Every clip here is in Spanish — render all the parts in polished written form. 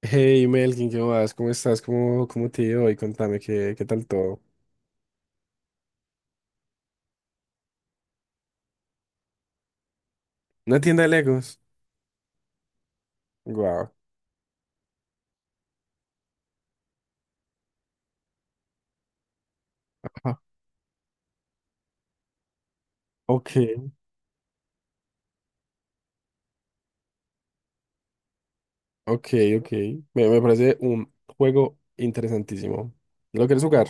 Hey Melkin, ¿qué más? ¿Cómo estás? ¿Cómo te ha ido hoy? Contame, ¿qué tal todo? ¿Una tienda de Legos? Wow. Ajá. Ok, ok, ok. Me parece un juego interesantísimo. ¿Lo quieres jugar?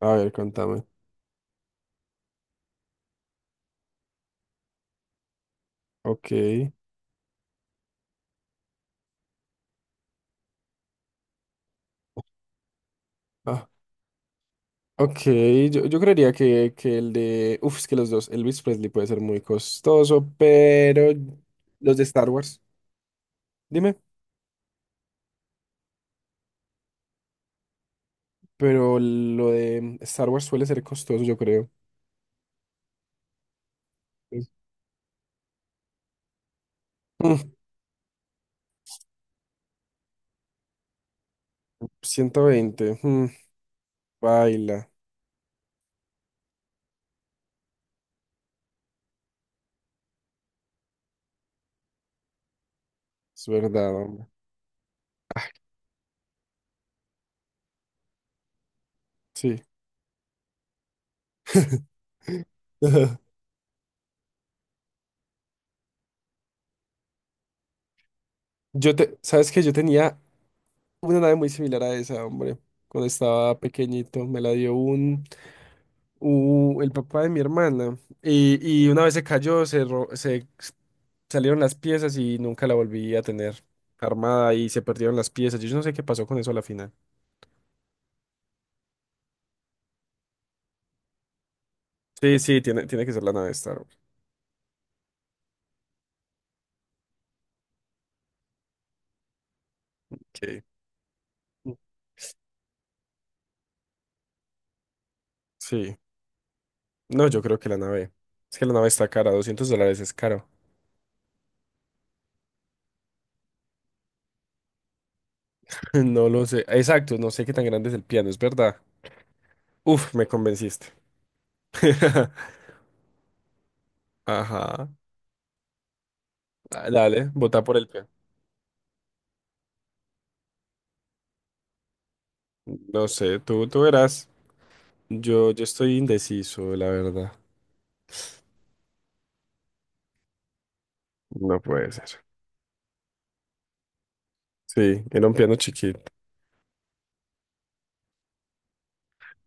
A ver, contame. Ok. Ah, ok, yo creería que el de... Uf, es que los dos. Elvis Presley puede ser muy costoso, pero... Los de Star Wars. Dime. Pero lo de Star Wars suele ser costoso, yo creo. Es- Mm, 120. Baila, es verdad, hombre. Sí. Yo te, ¿sabes qué? Yo tenía una nave muy similar a esa, hombre. Cuando estaba pequeñito, me la dio el papá de mi hermana. Y una vez se cayó, se salieron las piezas y nunca la volví a tener armada y se perdieron las piezas. Yo no sé qué pasó con eso a la final. Sí, sí, tiene que ser la nave Star Wars. Sí. Sí. No, yo creo que la nave. Es que la nave está cara, $200 es caro. No lo sé. Exacto, no sé qué tan grande es el piano, es verdad. Uf, me convenciste. Ajá. Ah, dale, vota por el piano. No sé, tú verás. Yo estoy indeciso, la verdad. No puede ser. Sí, era un piano chiquito.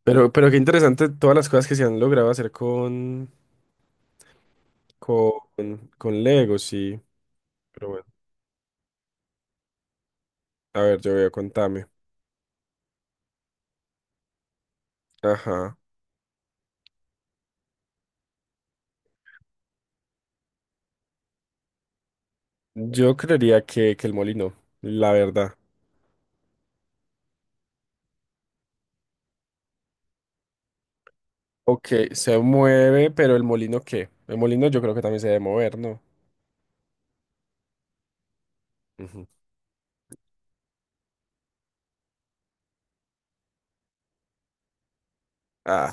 Pero qué interesante todas las cosas que se han logrado hacer con Lego, sí. Pero bueno, a ver, yo voy a contarme. Ajá. Yo creería que el molino, la verdad. Ok, se mueve, pero el molino ¿qué? El molino yo creo que también se debe mover, ¿no? Ujú. Ah,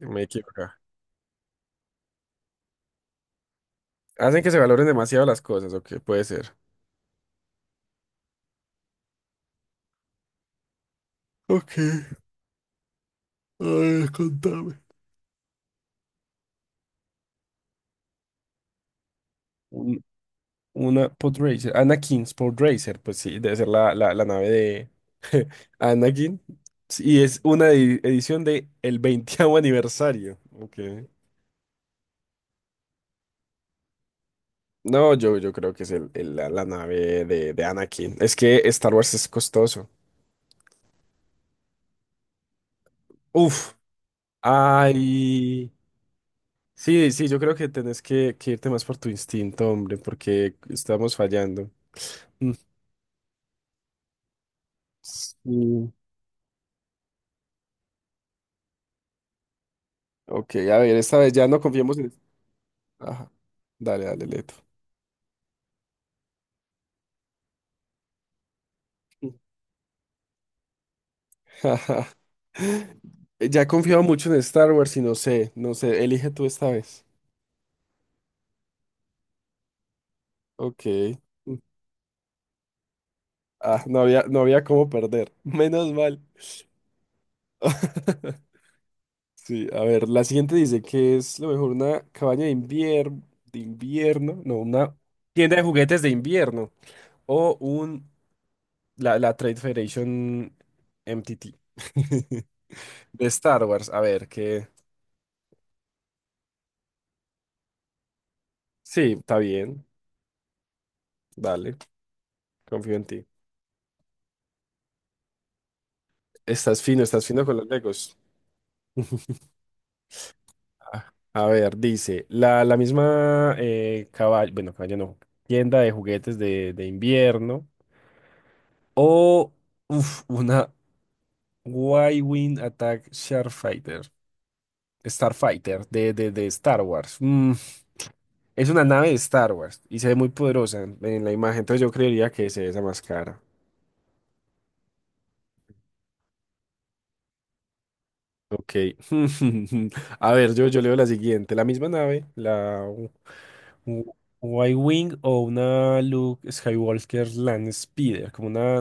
me equivoqué. Hacen que se valoren demasiado las cosas, ok, puede ser. Ok, a ver, contame. Un- una Podracer, Anakin's Podracer, pues sí, debe ser la, la nave de Anakin. Sí, y es una edición de el veintiavo aniversario. Ok. No, yo creo que es la, la nave de Anakin. Es que Star Wars es costoso. Uf. Ay, sí, sí, yo creo que tenés que irte más por tu instinto, hombre, porque estamos fallando. Mm. Sí. Ok, a ver, esta vez ya no confiemos en... Ajá, dale, dale, Leto. Ajá. Ya he confiado mucho en Star Wars y no sé, no sé, elige tú esta vez. Ok. Ah, no había, no había cómo perder. Menos mal. Sí, a ver, la siguiente dice que es lo mejor una cabaña de invierno, no, una tienda de juguetes de invierno o un la, la Trade Federation MTT de Star Wars. A ver, que sí, está bien, dale, confío en ti. Estás fino con los Legos. Ah, a ver, dice la, la misma cabaña, bueno, cabaña no, tienda de juguetes de invierno o uf, una Why Wing Attack Starfighter. Starfighter de Star Wars. Mm, es una nave de Star Wars y se ve muy poderosa en la imagen, entonces yo creería que es esa más cara. Ok. A ver, yo leo la siguiente. La misma nave, w- Y-Wing o una Luke Skywalker Land Speeder, como una,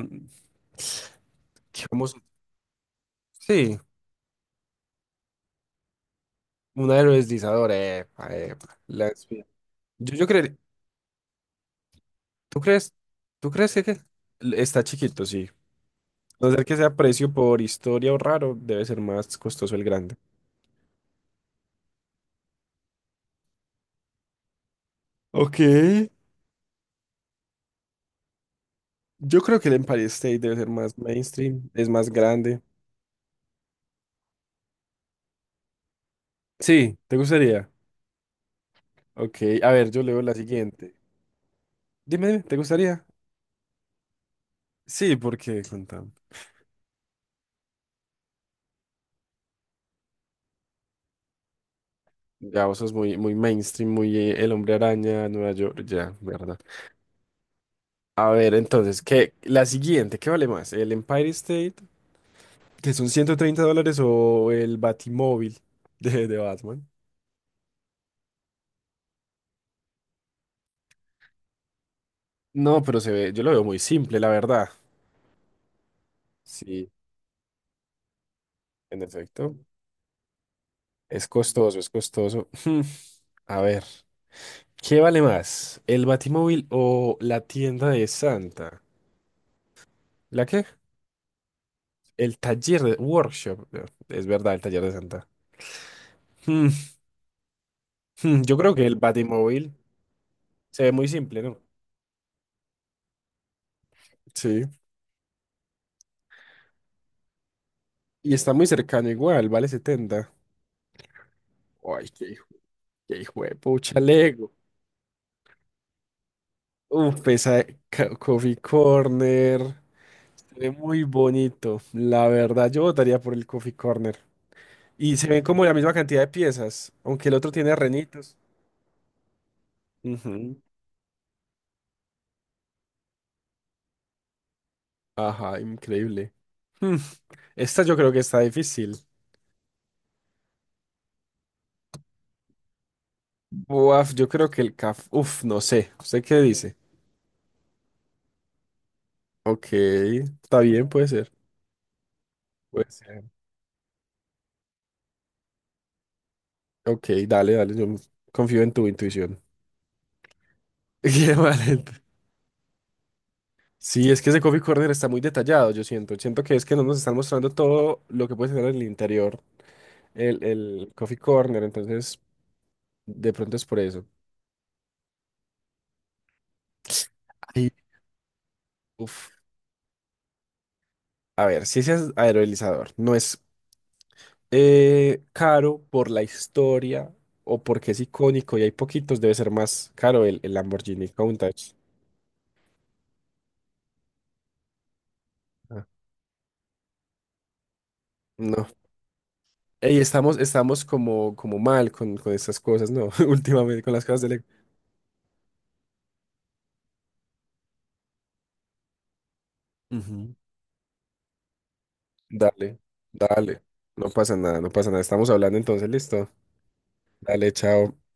digamos, sí, una aerodeslizadora. Epa, epa, Land Speeder. Yo creería. ¿Tú crees? ¿Tú crees que, qué? Está chiquito, sí. A no ser que sea precio por historia o raro, debe ser más costoso el grande. Ok. Yo creo que el Empire State debe ser más mainstream, es más grande. Sí, ¿te gustaría? Ok, a ver, yo leo la siguiente. Dime, dime, ¿te gustaría? Sí, porque contame. Ya, vos sos muy, muy mainstream, muy El Hombre Araña, Nueva York, ya, verdad. A ver, entonces, ¿qué? La siguiente, ¿qué vale más? ¿El Empire State que son 130 dólares o el Batimóvil de Batman? No, pero se ve, yo lo veo muy simple, la verdad. Sí, en efecto. Es costoso, es costoso. Hmm, a ver, ¿qué vale más? ¿El Batimóvil o la tienda de Santa? ¿La qué? El taller de workshop. No, es verdad, el taller de Santa. Hmm, Yo creo que el Batimóvil se ve muy simple, ¿no? Sí. Y está muy cercano igual, vale 70. Ay, qué hijo de pucha, Lego. Uf, esa ca- Coffee Corner. Se ve muy bonito. La verdad, yo votaría por el Coffee Corner. Y se ven como la misma cantidad de piezas, aunque el otro tiene renitos. Ujú. Ajá, increíble. Hmm, esta yo creo que está difícil. Buaf, yo creo que el caf. Uf, no sé. ¿Usted qué dice? Ok, está bien, puede ser. Puede ser. Ok, dale, dale. Yo confío en tu intuición. Qué mal. Sí, es que ese coffee corner está muy detallado, yo siento. Siento que es que no nos están mostrando todo lo que puede tener en el interior el coffee corner, entonces de pronto es por eso. Ay, uf. A ver, si ese es aerolizador, no es caro por la historia o porque es icónico y hay poquitos, debe ser más caro el Lamborghini Countach. Ah, no. Ey, estamos, estamos como, como mal con estas cosas, ¿no? Últimamente con las cosas de Lego. Ujú. Dale, dale. No pasa nada, no pasa nada. Estamos hablando entonces, listo. Dale, chao.